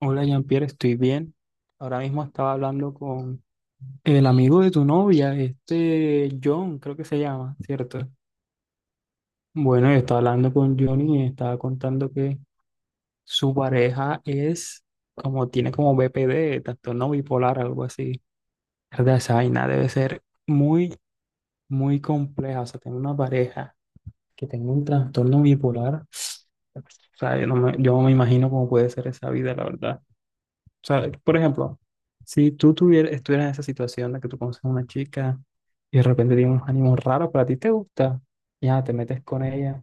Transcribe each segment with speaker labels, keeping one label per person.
Speaker 1: Hola Jean-Pierre, estoy bien. Ahora mismo estaba hablando con el amigo de tu novia, este John, creo que se llama, ¿cierto? Bueno, yo estaba hablando con John y me estaba contando que su pareja es como, tiene como BPD, trastorno bipolar, algo así. ¿Verdad? Esa vaina debe ser muy, muy compleja. O sea, tener una pareja que tenga un trastorno bipolar, o sea, yo no me imagino cómo puede ser esa vida, la verdad. O sea, por ejemplo, si tú tuvieras, estuvieras en esa situación en la que tú conoces a una chica y de repente tiene unos ánimos raros, pero a ti te gusta, ya te metes con ella,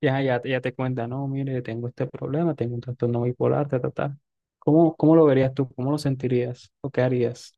Speaker 1: ya, ya, ella te cuenta, no, mire, tengo este problema, tengo un trastorno bipolar, ta, ta, ta. ¿Cómo lo verías tú? ¿Cómo lo sentirías? ¿O qué harías?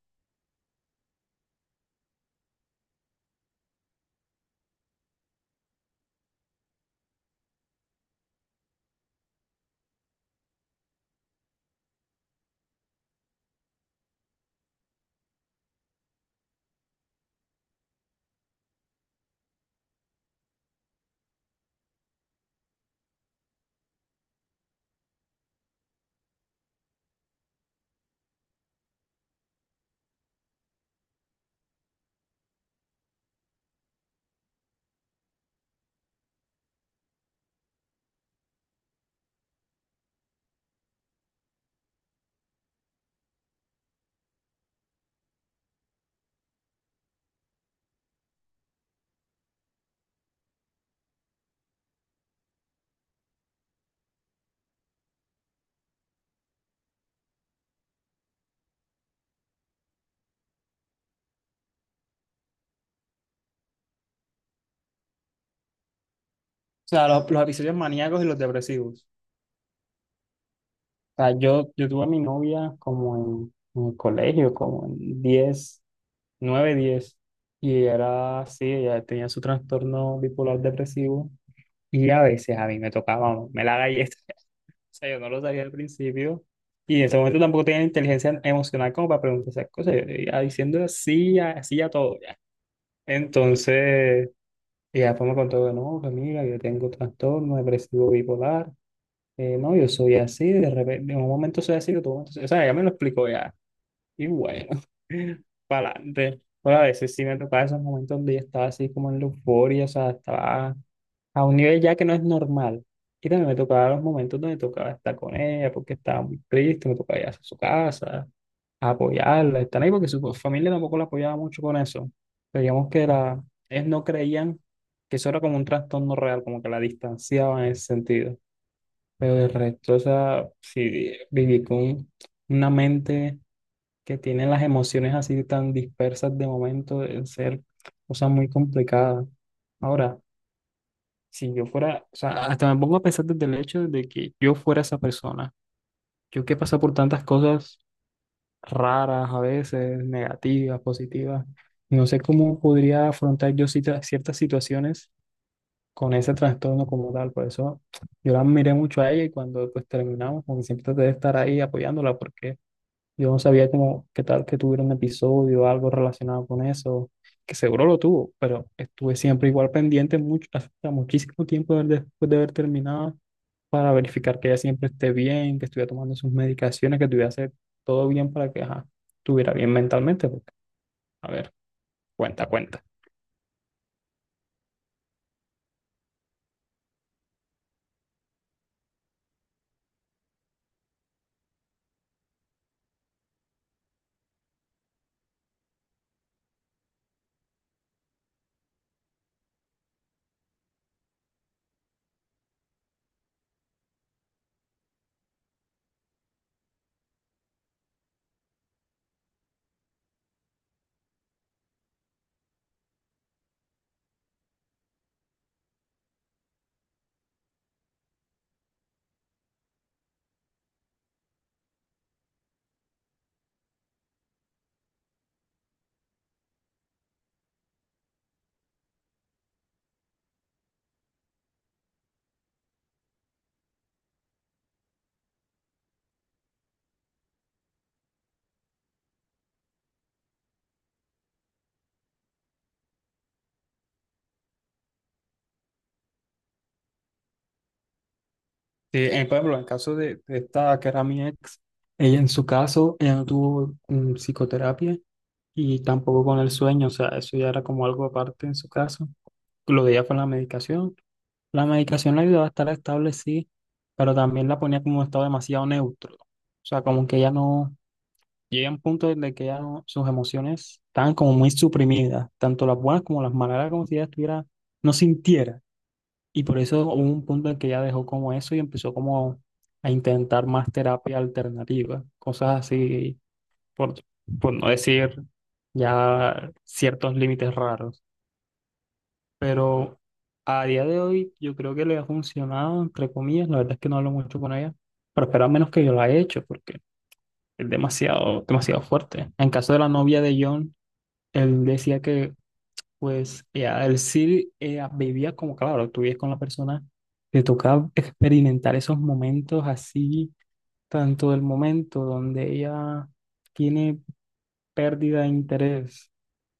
Speaker 1: O sea, los episodios maníacos y los depresivos. O sea, yo tuve a mi novia como en el colegio, como en 10 9 10 y ella era así, ella tenía su trastorno bipolar depresivo. Y a veces a mí me tocaba, me la galleta, o sea, yo no lo sabía al principio, y en ese momento tampoco tenía inteligencia emocional como para preguntar esas cosas, yo iba diciendo así, así a todo, ya. Entonces, y después me contó que no, que mira, yo tengo trastorno depresivo bipolar, no, yo soy así, de repente, en un momento soy así, de otro momento soy, o sea, ya me lo explicó ya, y bueno, para adelante. Pero a veces sí me tocaba esos momentos donde yo estaba así como en la euforia, o sea, estaba a un nivel ya que no es normal. Y también me tocaba los momentos donde tocaba estar con ella porque estaba muy triste, me tocaba ir a su casa, a apoyarla, estar ahí porque su familia tampoco la apoyaba mucho con eso. Pero digamos que era, ellos no creían que eso era como un trastorno real, como que la distanciaban en ese sentido. Pero el resto, o sea, sí, viví con una mente que tiene las emociones así tan dispersas de momento, de ser cosas muy complicadas. Ahora, si yo fuera, o sea, hasta me pongo a pensar desde el hecho de que yo fuera esa persona. Yo que he pasado por tantas cosas raras a veces, negativas, positivas. No sé cómo podría afrontar yo cita- ciertas situaciones con ese trastorno como tal. Por eso yo la miré mucho a ella y cuando pues terminamos, como que siempre traté de estar ahí apoyándola porque yo no sabía cómo, qué tal que tuviera un episodio o algo relacionado con eso, que seguro lo tuvo, pero estuve siempre igual pendiente mucho, hasta muchísimo tiempo de- después de haber terminado para verificar que ella siempre esté bien, que estuviera tomando sus medicaciones, que estuviera hacer todo bien para que ajá, estuviera bien mentalmente. Porque, a ver, cuenta, cuenta. Sí, en, por ejemplo, en el caso de esta que era mi ex, ella en su caso, ella no tuvo psicoterapia y tampoco con el sueño, o sea, eso ya era como algo aparte en su caso. Lo de ella fue la medicación. La medicación la ayudaba a estar estable, sí, pero también la ponía como en un estado demasiado neutro. O sea, como que ella no. Llega un punto en el que ya no- sus emociones estaban como muy suprimidas, tanto las buenas como las malas, era como si ella estuviera, no sintiera. Y por eso hubo un punto en que ella dejó como eso y empezó como a intentar más terapia alternativa, cosas así, por, por no decir ya ciertos límites raros. Pero a día de hoy yo creo que le ha funcionado, entre comillas, la verdad es que no hablo mucho con ella, pero espero al menos que yo lo haya hecho, porque es demasiado, demasiado fuerte. En caso de la novia de John, él decía que, pues, ya, él sí vivía como, claro, tú vives con la persona, te tocaba experimentar esos momentos así, tanto el momento donde ella tiene pérdida de interés,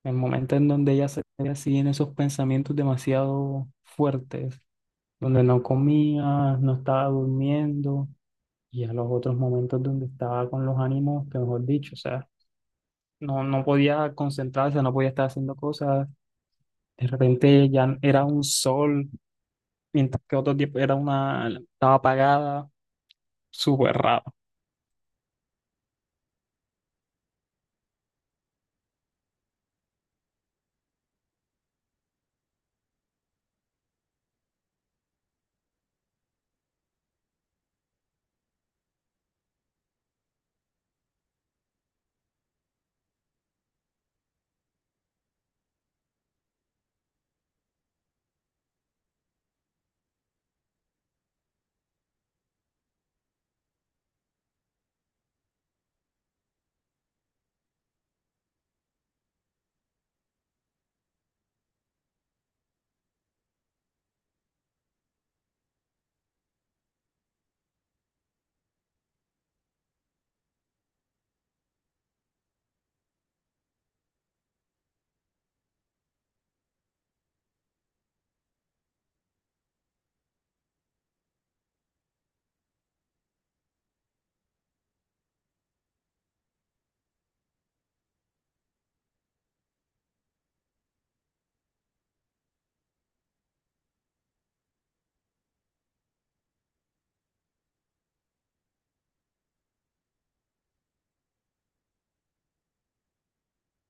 Speaker 1: el momento en donde ella se ve así en esos pensamientos demasiado fuertes, donde no comía, no estaba durmiendo, y a los otros momentos donde estaba con los ánimos, que mejor dicho, o sea, no, no podía concentrarse, no podía estar haciendo cosas. De repente ya era un sol, mientras que otro tiempo era una, estaba apagada, súper raro.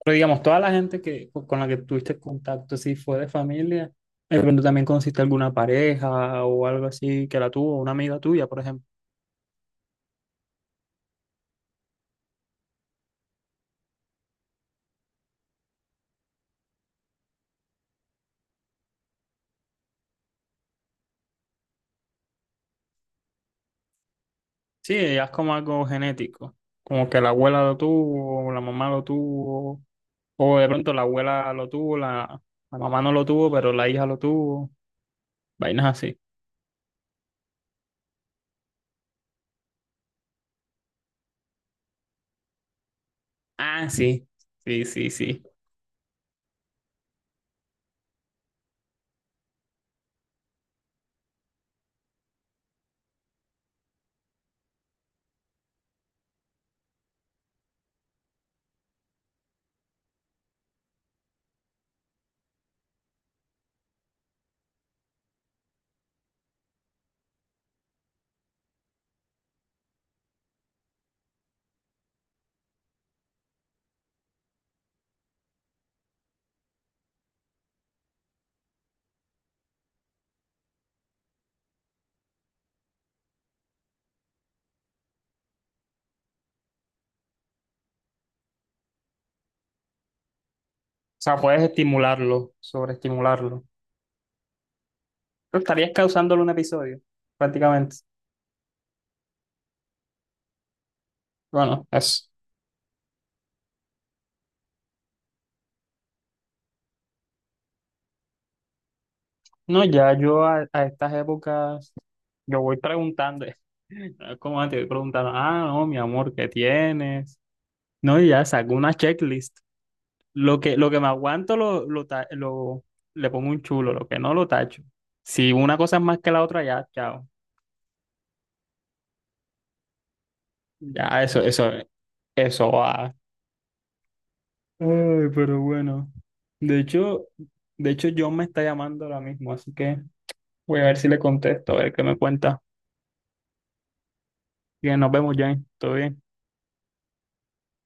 Speaker 1: Pero digamos, toda la gente que, con la que tuviste contacto, si fue de familia, de repente también conociste alguna pareja o algo así que la tuvo, una amiga tuya, por ejemplo. Sí, ya es como algo genético, como que la abuela lo tuvo, o la mamá lo tuvo, o de pronto la abuela lo tuvo, la mamá no lo tuvo, pero la hija lo tuvo, vainas así. Ah, sí, sí, sí, sí. O sea, puedes estimularlo, sobreestimularlo. Pero estarías causándole un episodio, prácticamente. Bueno, eso. No, ya yo a estas épocas, yo voy preguntando. No es como antes, voy preguntando, ah, no, mi amor, ¿qué tienes? No, y ya saco una checklist. Lo que me aguanto le pongo un chulo, lo que no lo tacho. Si una cosa es más que la otra, ya, chao. Ya, eso, ay, pero bueno. De hecho, de hecho, John me está llamando ahora mismo, así que voy a ver si le contesto, a ver qué me cuenta. Bien, nos vemos, Jane. Todo bien.